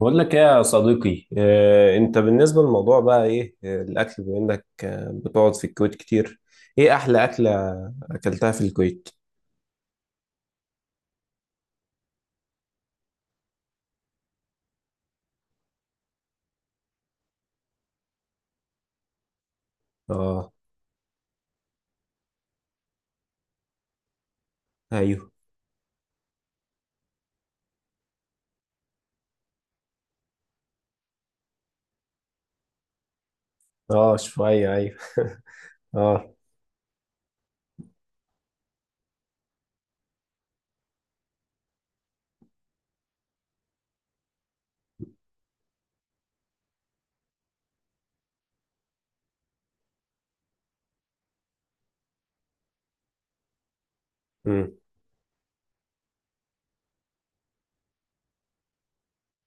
بقول لك ايه يا صديقي، انت بالنسبة للموضوع بقى ايه، الاكل بما انك بتقعد في الكويت كتير. ايه احلى اكلة اكلتها في الكويت؟ اه، ايوه، اه شوية، ايوه. اه. امم.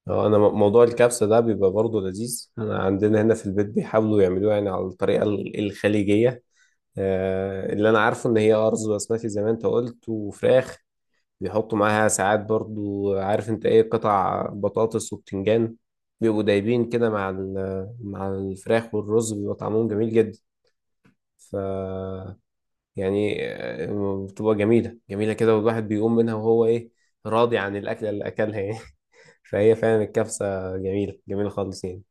اه موضوع الكبسة ده بيبقى برضه لذيذ. انا عندنا هنا في البيت بيحاولوا يعملوها يعني على الطريقة الخليجية. اللي انا عارفه ان هي ارز بسمتي زي ما انت قلت وفراخ. بيحطوا معاها ساعات برضو، عارف انت ايه، قطع بطاطس وبتنجان بيبقوا دايبين كده مع مع الفراخ، والرز بيبقى طعمهم جميل جدا. ف يعني بتبقى جميلة جميلة كده، والواحد بيقوم منها وهو ايه، راضي عن الأكلة اللي أكلها يعني. فهي فعلا الكبسة جميلة جميلة خالص يعني.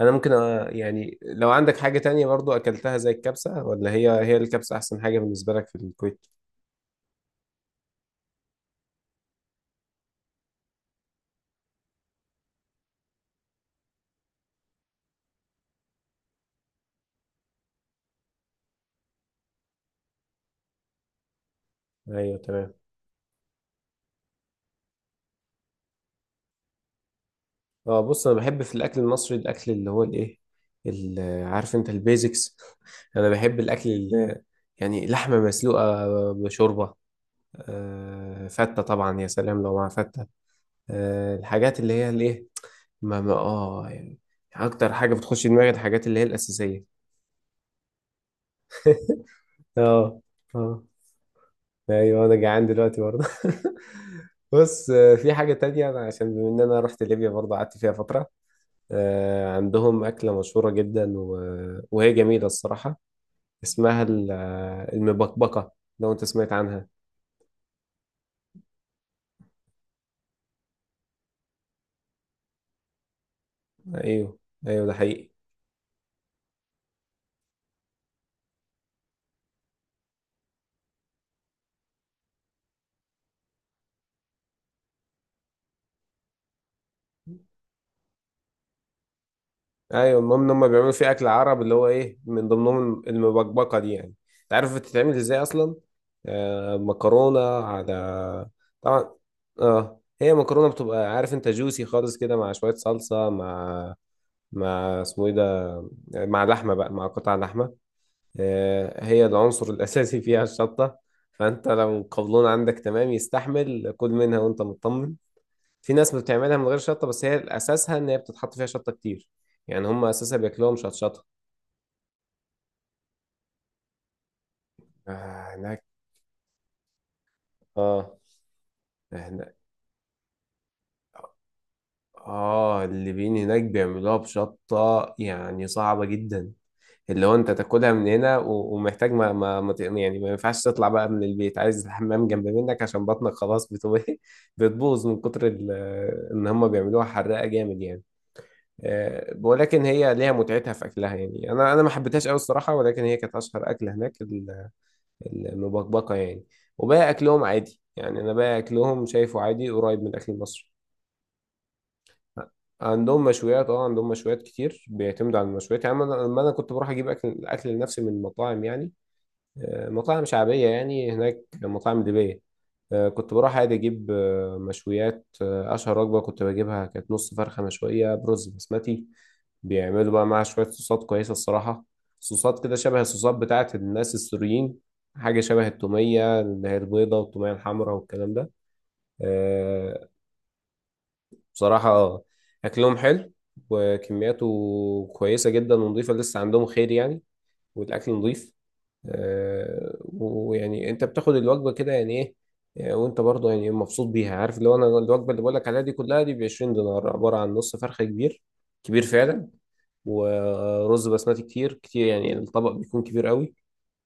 أنا ممكن يعني لو عندك حاجة تانية برضو أكلتها زي الكبسة، ولا هي هي الكبسة أحسن حاجة بالنسبة لك في الكويت؟ أيوه تمام. اه بص، انا بحب في الاكل المصري الاكل اللي هو الايه، عارف انت، البيزكس. انا بحب الاكل اللي يعني لحمه مسلوقه بشوربه. فته، طبعا يا سلام لو مع فته. الحاجات اللي هي الايه، ما اه يعني اكتر حاجه بتخش دماغي الحاجات اللي هي الاساسيه. اه. اه ايوه انا جعان دلوقتي برضه. بص، في حاجه تانية أنا عشان بما ان انا رحت ليبيا برضه قعدت فيها فتره. عندهم أكلة مشهورة جدا وهي جميلة الصراحة، اسمها المبكبكة. لو أنت سمعت عنها. أيوه. أيوه ده حقيقي. أيوه المهم إن هم بيعملوا فيه أكل عرب اللي هو إيه، من ضمنهم المبكبكة دي يعني. أنت عارف بتتعمل إزاي أصلا؟ مكرونة، على، طبعا. آه هي مكرونة بتبقى، عارف أنت، جوسي خالص كده مع شوية صلصة، مع مع اسمه إيه ده، مع لحمة بقى، مع قطع لحمة. هي العنصر الأساسي فيها الشطة. فأنت لو القولون عندك تمام يستحمل كل منها وأنت مطمن. في ناس بتعملها من غير شطة، بس هي أساسها إن هي بتتحط فيها شطة كتير يعني. هم أساسها بياكلوها مشطشطة. هناك. آه هناك. آه الليبيين هناك بيعملوها بشطة يعني صعبة جدا، اللي هو انت تاكلها من هنا ومحتاج ما, ما, ما ت- يعني ما ينفعش تطلع بقى من البيت، عايز الحمام جنب منك عشان بطنك خلاص بتبقى بتبوظ من كتر ان هم بيعملوها حراقه جامد يعني. ولكن هي ليها متعتها في اكلها يعني. انا ما حبيتهاش قوي الصراحه، ولكن هي كانت اشهر اكله هناك، المبكبكه يعني. وباقي اكلهم عادي يعني، انا باقي اكلهم شايفه عادي قريب من الاكل المصري. عندهم مشويات، اه عندهم مشويات كتير، بيعتمدوا على المشويات يعني. لما انا كنت بروح اجيب اكل لنفسي من المطاعم يعني، مطاعم شعبية يعني هناك، مطاعم ليبية كنت بروح عادي أجيب مشويات. أشهر وجبة كنت بجيبها كانت نص فرخة مشوية برز بسمتي. بيعملوا بقى معاها شوية صوصات كويسة الصراحة، صوصات كده شبه الصوصات بتاعت الناس السوريين، حاجة شبه التومية اللي هي البيضة والتومية الحمراء والكلام ده. آه، بصراحة أكلهم حلو وكمياته كويسة جدا ونضيفة، لسه عندهم خير يعني، والأكل نضيف. ويعني انت بتاخد الوجبه كده يعني ايه، وانت برضه يعني مبسوط بيها. عارف اللي هو، انا الوجبه اللي بقولك عليها دي كلها دي ب 20 دينار، عباره عن نص فرخه كبير، كبير فعلا، ورز بسمتي كتير كتير، يعني الطبق بيكون كبير قوي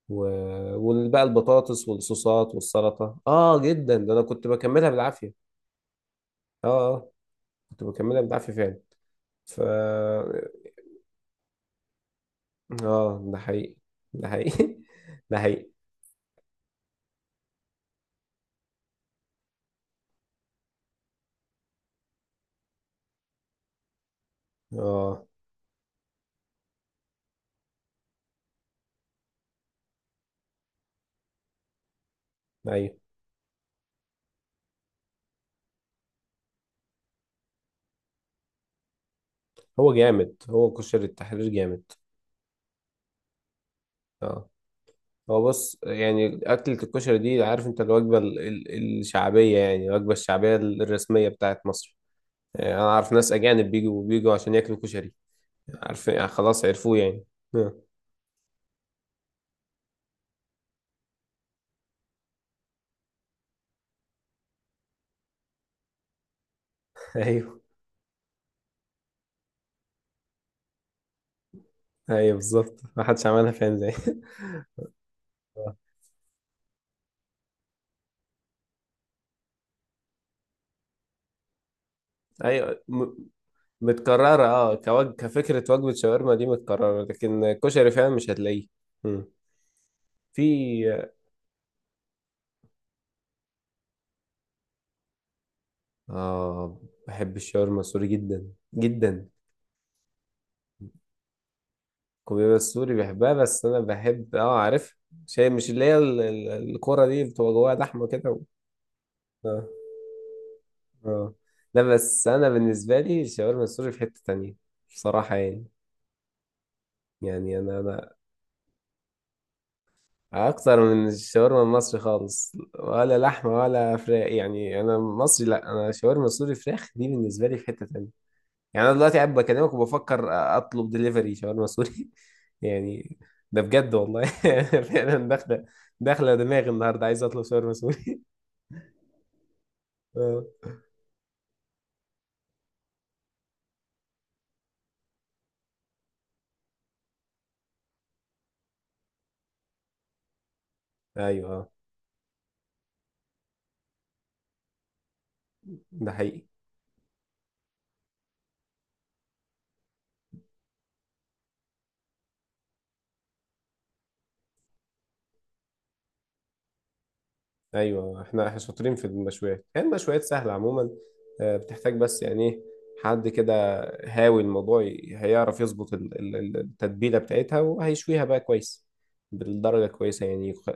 و- وبقى البطاطس والصوصات والسلطه، اه جدا ده انا كنت بكملها بالعافيه. اه. اه كنت بكملها بالعافيه فعلا. ف اه ده حقيقي. ده حقيقي ده حقيقي. اه ايوه. هو جامد، هو كشري التحرير جامد. اه هو بص يعني، أكلة الكشري دي عارف أنت الوجبة الشعبية، يعني الوجبة الشعبية الرسمية بتاعت مصر. يعني أنا عارف ناس أجانب بيجوا عشان ياكلوا كشري، عارف يعني، خلاص عرفوه يعني. آه. أيوه. أيوه بالظبط، محدش عملها فاهم زي. أيوه متكررة، أه كفكرة وجبة شاورما دي متكررة، لكن كشري فعلا مش هتلاقيه. مم. في. آه بحب الشاورما السوري جدا، جدا. الكوبيبه السوري بحبها، بس انا بحب اه عارف، شيء مش اللي هي الكرة دي بتبقى جواها لحمه كده اه. اه لا بس انا بالنسبه لي الشاورما السوري في حته تانية بصراحه يعني. يعني انا، اكتر من الشاورما المصري خالص، ولا لحمه ولا فراخ يعني، انا مصري، لا انا شاورما سوري فراخ دي بالنسبه لي في حته تانية. يعني انا دلوقتي قاعد بكلمك وبفكر اطلب دليفري شاورما سوري يعني. ده بجد والله. فعلا داخله، داخله دماغي النهارده عايز اطلب شاورما سوري. اه ايوه. آه. ده حقيقي. ايوه آه. احنا، احنا شاطرين في المشويات. هي المشويات سهله عموما، بتحتاج بس يعني ايه، حد كده هاوي الموضوع هيعرف يظبط التتبيله بتاعتها، وهيشويها بقى كويس بالدرجه كويسه،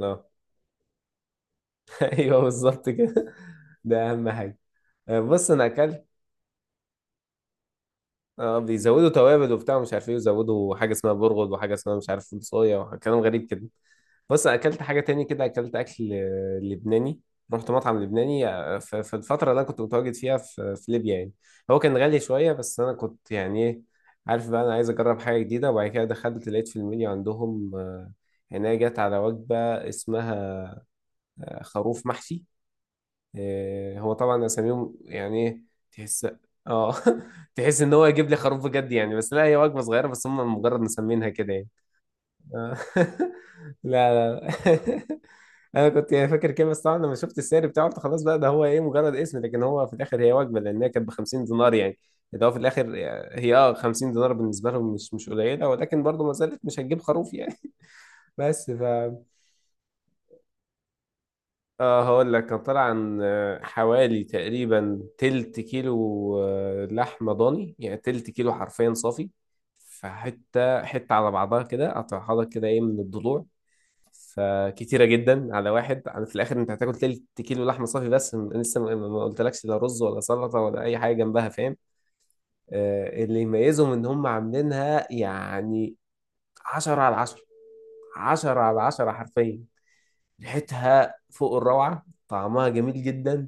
اه. ايوه بالظبط كده. ده اهم حاجه. بص انا اكلت، اه بيزودوا توابل وبتاع مش عارف ايه، وزودوا حاجه اسمها برغل وحاجه اسمها مش عارف فول صويا وكلام غريب كده. بص اكلت حاجه تاني كده، اكلت اكل لبناني، رحت مطعم لبناني في الفتره اللي انا كنت متواجد فيها في ليبيا يعني. هو كان غالي شويه، بس انا كنت يعني ايه، عارف بقى انا عايز اجرب حاجه جديده. وبعد كده دخلت لقيت في المنيو عندهم هنا جت على وجبه اسمها خروف محشي. إيه، هو طبعا اساميهم يعني ايه، تحس، اه تحس ان هو يجيب لي خروف بجد يعني، بس لا هي وجبه صغيره بس هم مجرد مسمينها كده يعني. آه. لا لا لا. انا كنت يعني فاكر كده، بس طبعا لما شفت السعر بتاعه قلت خلاص بقى، ده هو ايه مجرد اسم، لكن هو في الاخر هي وجبه، لان هي كانت ب 50 دينار يعني، ده هو في الاخر. هي اه 50 دينار بالنسبه لهم مش مش قليله، ولكن برضه ما زالت مش هتجيب خروف يعني. بس اه هقول لك، كان طالع عن حوالي تقريبا تلت كيلو، لحمة ضاني، يعني تلت كيلو حرفيا صافي. فحتة حتة على بعضها كده، قطعها لك كده ايه من الضلوع، فكتيرة جدا على واحد. يعني في الآخر أنت هتاكل تلت كيلو لحمة صافي، بس لسه ما قلتلكش لا رز ولا سلطة ولا أي حاجة جنبها، فاهم. اللي يميزهم إن هم عاملينها يعني 10 على 10، 10 على 10 حرفيا. ريحتها فوق الروعة، طعمها جميل جدا.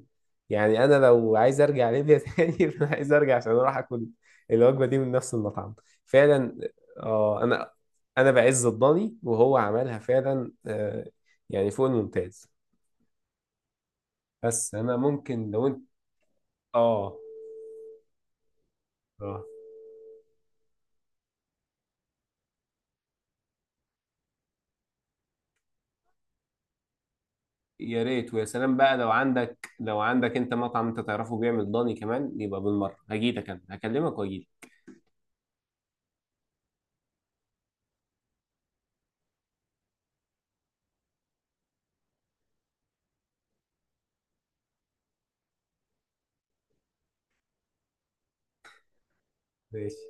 يعني أنا لو عايز أرجع ليبيا تاني، فأنا عايز أرجع عشان أروح أكل الوجبة دي من نفس المطعم، فعلا. آه أنا، أنا بعز الضاني وهو عملها فعلا آه، يعني فوق الممتاز. بس أنا ممكن لو أنت. آه. آه يا ريت، ويا سلام بقى لو عندك، لو عندك أنت مطعم أنت تعرفه بيعمل ضاني كمان، يبقى بالمرة هجيلك، أنا هكلمك وأجيلك. ماشي.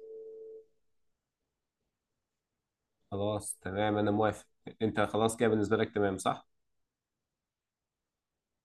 خلاص تمام أنا موافق. أنت خلاص كده بالنسبة لك تمام صح؟